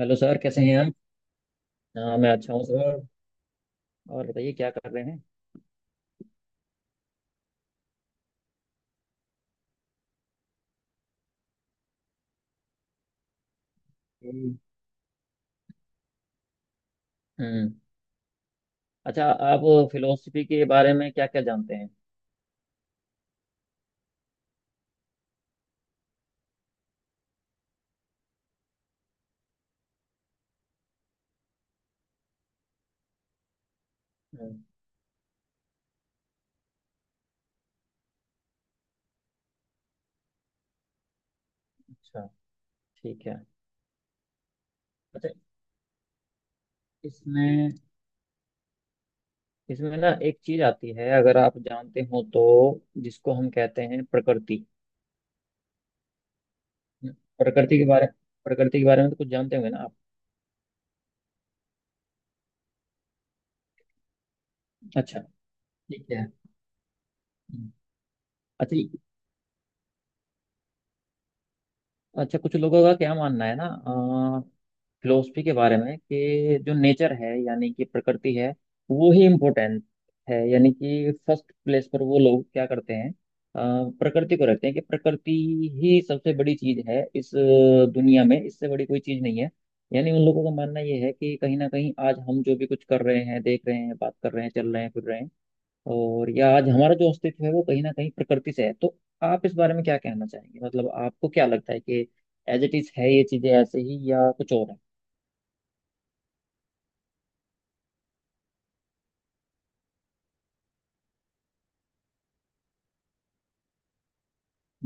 Hello sir कैसे हैं आप। हाँ मैं अच्छा हूँ सर। और बताइए क्या कर रहे हैं। हम्म। हम्म, अच्छा आप फिलोसफी के बारे में क्या क्या जानते हैं। हम्म, अच्छा। ठीक है। अच्छा। इसमें इसमें ना एक चीज आती है अगर आप जानते हो तो, जिसको हम कहते हैं प्रकृति। प्रकृति के बारे प्रकृति के बारे में तो कुछ जानते होंगे ना आप। अच्छा। ठीक है। हम्म, अच्छा। अच्छा, कुछ लोगों का क्या मानना है ना फिलोसफी के बारे में, कि जो नेचर है यानी कि प्रकृति है वो ही इम्पोर्टेंट है, यानी कि फर्स्ट प्लेस पर वो लोग क्या करते हैं प्रकृति को रखते हैं कि प्रकृति ही सबसे बड़ी चीज है इस दुनिया में, इससे बड़ी कोई चीज नहीं है। यानी उन लोगों का मानना ये है कि कहीं ना कहीं आज हम जो भी कुछ कर रहे हैं, देख रहे हैं, बात कर रहे हैं, चल रहे हैं, फिर रहे हैं, और या आज हमारा जो अस्तित्व है वो कहीं ना कहीं प्रकृति से है। तो आप इस बारे में क्या कहना चाहेंगे, मतलब आपको क्या लगता है कि एज इट इज है ये चीजें ऐसे ही या कुछ और है।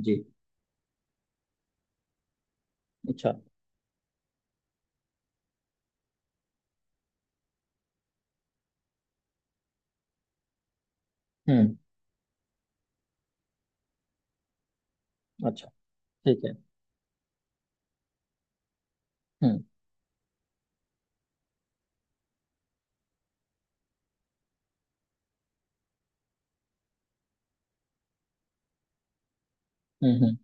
जी। अच्छा। हम्म। अच्छा। ठीक है। हम्म, हम्म, हम्म,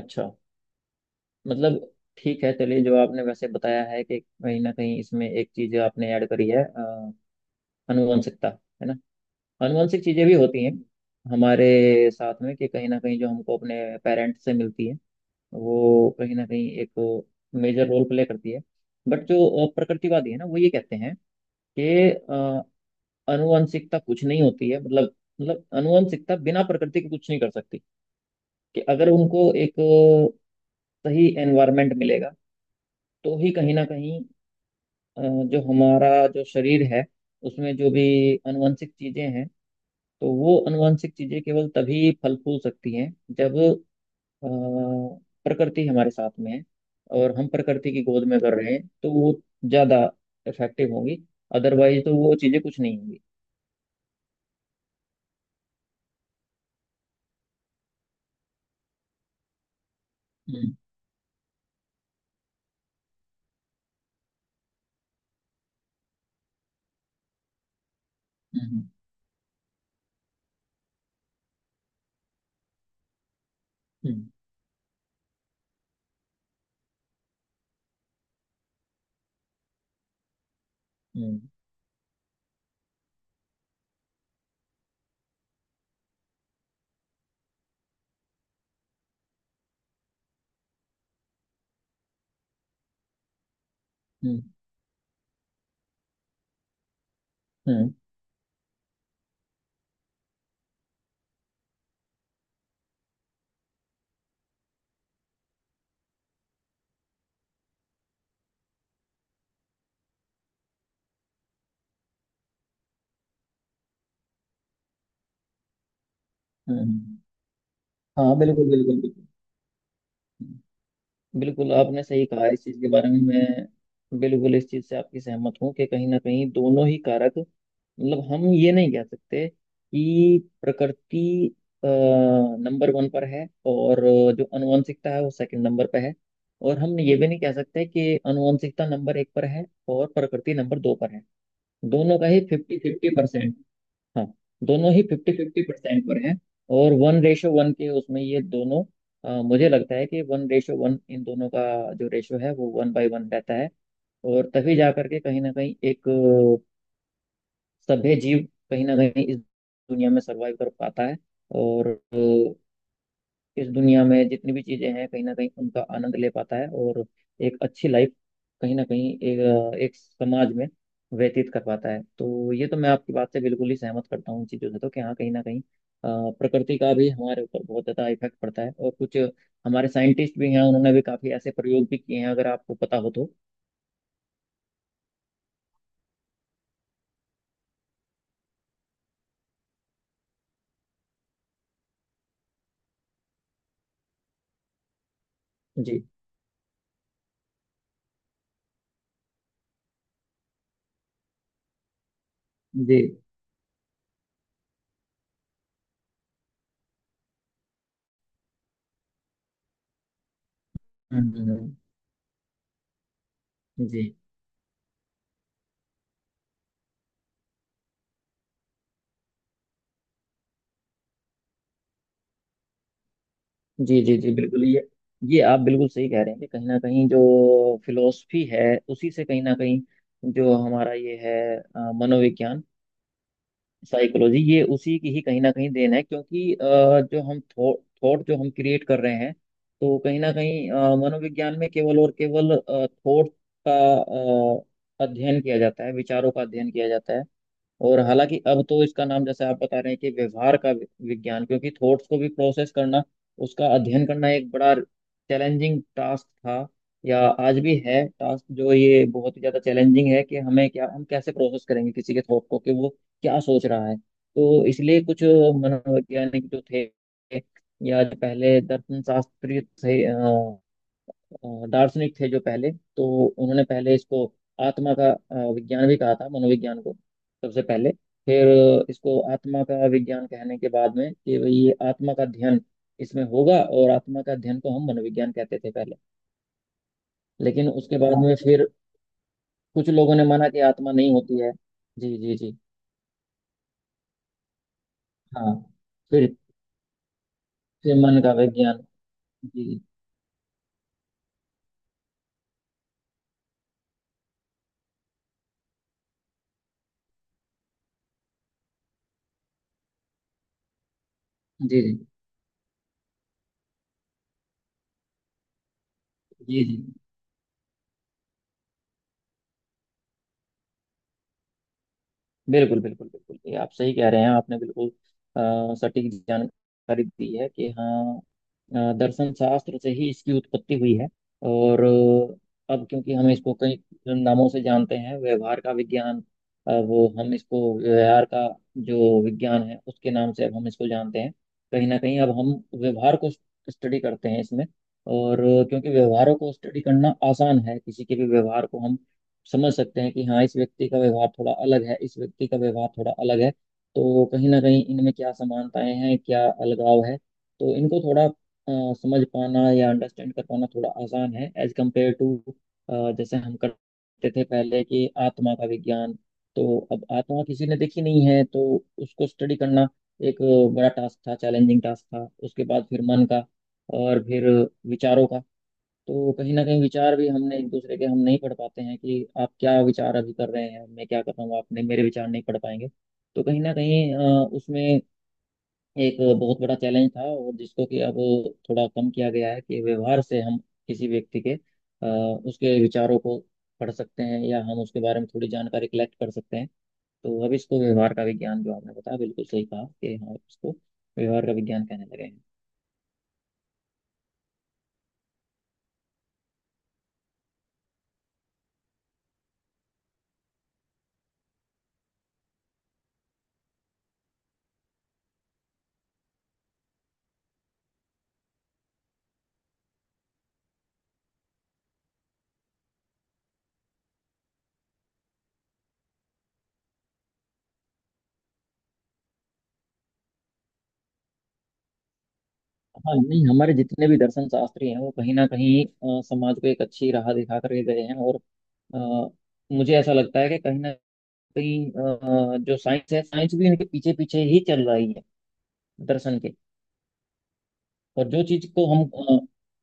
अच्छा। मतलब ठीक है चलिए, जो आपने वैसे बताया है कि कहीं ना कहीं इसमें एक चीज आपने ऐड करी है, आनुवंशिकता, है ना। आनुवंशिक चीजें भी होती हैं हमारे साथ में, कि कहीं ना कहीं जो हमको अपने पेरेंट्स से मिलती है वो कहीं ना कहीं एक मेजर रोल प्ले करती है। बट जो प्रकृतिवादी है ना वो ये कहते हैं कि अ, आनुवंशिकता कुछ नहीं होती है, मतलब आनुवंशिकता बिना प्रकृति के कुछ नहीं कर सकती। कि अगर उनको एक सही एनवायरनमेंट मिलेगा तो ही कहीं ना कहीं अ, जो हमारा जो शरीर है उसमें जो भी आनुवंशिक चीजें हैं, तो वो आनुवंशिक चीजें केवल तभी फल फूल सकती हैं जब अ, प्रकृति हमारे साथ में है और हम प्रकृति की गोद में कर रहे हैं, तो वो ज्यादा इफेक्टिव होंगी। अदरवाइज तो वो चीजें कुछ नहीं होंगी। हम्म, हम्म, हम्म, हम्म, हम्म, हम्म, हम्म। हाँ, बिल्कुल बिल्कुल बिल्कुल। बिल्कुल आपने सही कहा, इस चीज के बारे में मैं बिल्कुल इस चीज से आपकी सहमत हूँ कि कहीं ना कहीं दोनों ही कारक, मतलब हम ये नहीं कह सकते कि प्रकृति नंबर वन पर है और जो आनुवंशिकता है वो सेकंड नंबर पर है। और हम ये भी नहीं कह सकते कि आनुवंशिकता नंबर एक पर है और प्रकृति नंबर दो पर है। दोनों का ही फिफ्टी फिफ्टी परसेंट। हाँ। दोनों ही फिफ्टी फिफ्टी परसेंट पर हैं। और वन रेशो वन के उसमें ये दोनों, मुझे लगता है कि वन रेशो वन, इन दोनों का जो रेशो है वो वन बाय वन रहता है। और तभी जा करके कहीं ना कहीं एक सभ्य जीव कहीं ना कहीं इस दुनिया में सरवाइव कर पाता है। और इस दुनिया में जितनी भी चीजें हैं कहीं ना कहीं उनका आनंद ले पाता है, और एक अच्छी लाइफ कहीं ना कहीं एक समाज में व्यतीत कर पाता है। तो ये तो मैं आपकी बात से बिल्कुल ही सहमत करता हूँ इन चीज़ों से, तो कि हाँ कहीं ना कहीं प्रकृति का भी हमारे ऊपर बहुत ज़्यादा इफेक्ट पड़ता है, और कुछ हमारे साइंटिस्ट भी हैं उन्होंने भी काफ़ी ऐसे प्रयोग भी किए हैं, अगर आपको पता हो तो। जी जी। हम्म, हम्म। जी जी जी जी, बिल्कुल। ये आप बिल्कुल सही कह रहे हैं कि कहीं ना कहीं जो फिलोसफी है उसी से कहीं ना कहीं जो हमारा ये है मनोविज्ञान, साइकोलॉजी, ये उसी की ही कहीं ना कहीं देन है। क्योंकि जो हम थॉट थॉट जो हम क्रिएट कर रहे हैं, तो कहीं ना कहीं मनोविज्ञान में केवल और केवल थॉट का अध्ययन किया जाता है, विचारों का अध्ययन किया जाता है। और हालांकि अब तो इसका नाम जैसे आप बता रहे हैं कि व्यवहार का विज्ञान, क्योंकि थॉट्स को भी प्रोसेस करना, उसका अध्ययन करना एक बड़ा चैलेंजिंग टास्क था। या आज भी है टास्क, जो ये बहुत ही ज्यादा चैलेंजिंग है कि हमें क्या, हम कैसे प्रोसेस करेंगे किसी के थॉट को कि वो क्या सोच रहा है। तो इसलिए कुछ मनोवैज्ञानिक जो थे या जो पहले दर्शन शास्त्री थे, दार्शनिक थे जो पहले, तो उन्होंने पहले इसको आत्मा का विज्ञान भी कहा था, मनोविज्ञान को सबसे पहले। फिर इसको आत्मा का विज्ञान कहने के बाद में कि भाई ये आत्मा का अध्ययन इसमें होगा, और आत्मा का अध्ययन को हम मनोविज्ञान कहते थे पहले। लेकिन उसके बाद में फिर कुछ लोगों ने माना कि आत्मा नहीं होती है। जी जी जी। हाँ। फिर फिर मन का विज्ञान। जी जी जी जी जी, बिल्कुल बिल्कुल बिल्कुल। ये आप सही कह रहे हैं, आपने बिल्कुल सटीक जानकारी दी है कि हाँ दर्शन शास्त्र से ही इसकी उत्पत्ति हुई है। और अब क्योंकि हम इसको कई नामों से जानते हैं, व्यवहार का विज्ञान, वो हम इसको व्यवहार का जो विज्ञान है उसके नाम से अब हम इसको जानते हैं। कहीं ना कहीं अब हम व्यवहार को स्टडी करते हैं इसमें। और क्योंकि व्यवहारों को स्टडी करना आसान है, किसी के भी व्यवहार को हम समझ सकते हैं कि हाँ इस व्यक्ति का व्यवहार थोड़ा अलग है, इस व्यक्ति का व्यवहार थोड़ा अलग है। तो कहीं ना कहीं इनमें क्या समानताएं हैं, क्या अलगाव है। तो इनको थोड़ा समझ पाना या अंडरस्टैंड कर पाना थोड़ा आसान है, एज कम्पेयर टू जैसे हम करते थे पहले कि आत्मा का विज्ञान। तो अब आत्मा किसी ने देखी नहीं है, तो उसको स्टडी करना एक बड़ा टास्क था, चैलेंजिंग टास्क था। उसके बाद फिर मन का, और फिर विचारों का। तो कहीं ना कहीं विचार भी हमने एक दूसरे के हम नहीं पढ़ पाते हैं, कि आप क्या विचार अभी कर रहे हैं, मैं क्या कर रहा हूँ, आपने मेरे विचार नहीं पढ़ पाएंगे। तो कहीं ना कहीं उसमें एक बहुत बड़ा चैलेंज था, और जिसको कि अब थोड़ा कम किया गया है, कि व्यवहार से हम किसी व्यक्ति के उसके विचारों को पढ़ सकते हैं, या हम उसके बारे में थोड़ी जानकारी कलेक्ट कर सकते हैं। तो अब इसको व्यवहार का विज्ञान, जो आपने बताया बिल्कुल सही कहा कि हाँ इसको व्यवहार का विज्ञान कहने लगे हैं। हाँ, नहीं, हमारे जितने भी दर्शन शास्त्री हैं वो कहीं ना कहीं समाज को एक अच्छी राह दिखा कर गए हैं, और मुझे ऐसा लगता है कि कहीं ना कहीं जो साइंस है साइंस भी उनके पीछे पीछे ही चल रही है, दर्शन के। और जो चीज को हम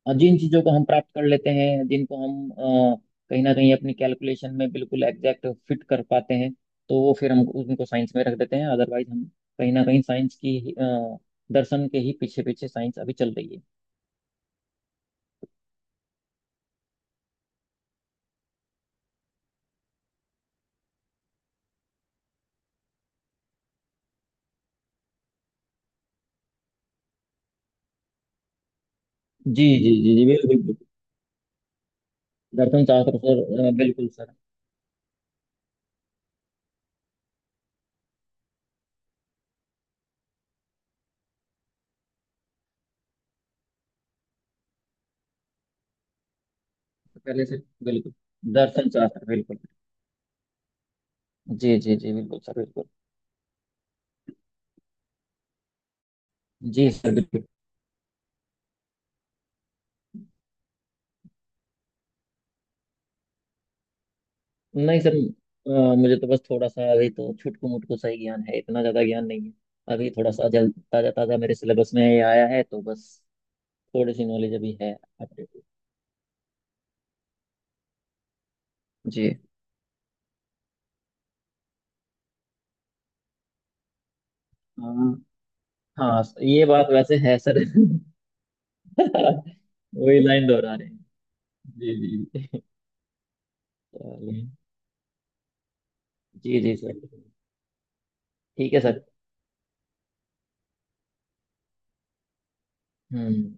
अ, जिन चीजों को हम प्राप्त कर लेते हैं, जिनको हम कहीं ना कहीं अपनी कैलकुलेशन में बिल्कुल एग्जैक्ट फिट कर पाते हैं, तो वो फिर हम उनको साइंस में रख देते हैं। अदरवाइज हम कहीं ना कहीं साइंस की ही, अ, दर्शन के ही पीछे पीछे साइंस अभी चल रही है। जी जी जी जी, बिल्कुल बिल्कुल। दर्शन शास्त्र सर, बिल्कुल सर। पहले से, बिल्कुल। दर्शन शास्त्र, बिल्कुल। जी जी जी, बिल्कुल सर, बिल्कुल। जी सर, बिल्कुल। नहीं सर, मुझे तो बस थोड़ा सा, अभी तो छुटकू मुटकू सा ही ज्ञान है, इतना ज्यादा ज्ञान नहीं है। अभी थोड़ा सा जल ताजा ताजा मेरे सिलेबस में ये आया है, तो बस थोड़ी सी नॉलेज अभी है, अपडेट। जी। हाँ, हाँ ये बात वैसे है सर। वही लाइन दोहरा रहे हैं। जी जी जी। चलिए। जी जी सर। ठीक है सर। हम्म,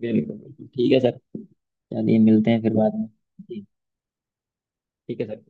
बिल्कुल बिल्कुल। ठीक है सर। चलिए, मिलते हैं फिर बाद में। जी। ठीक है सर।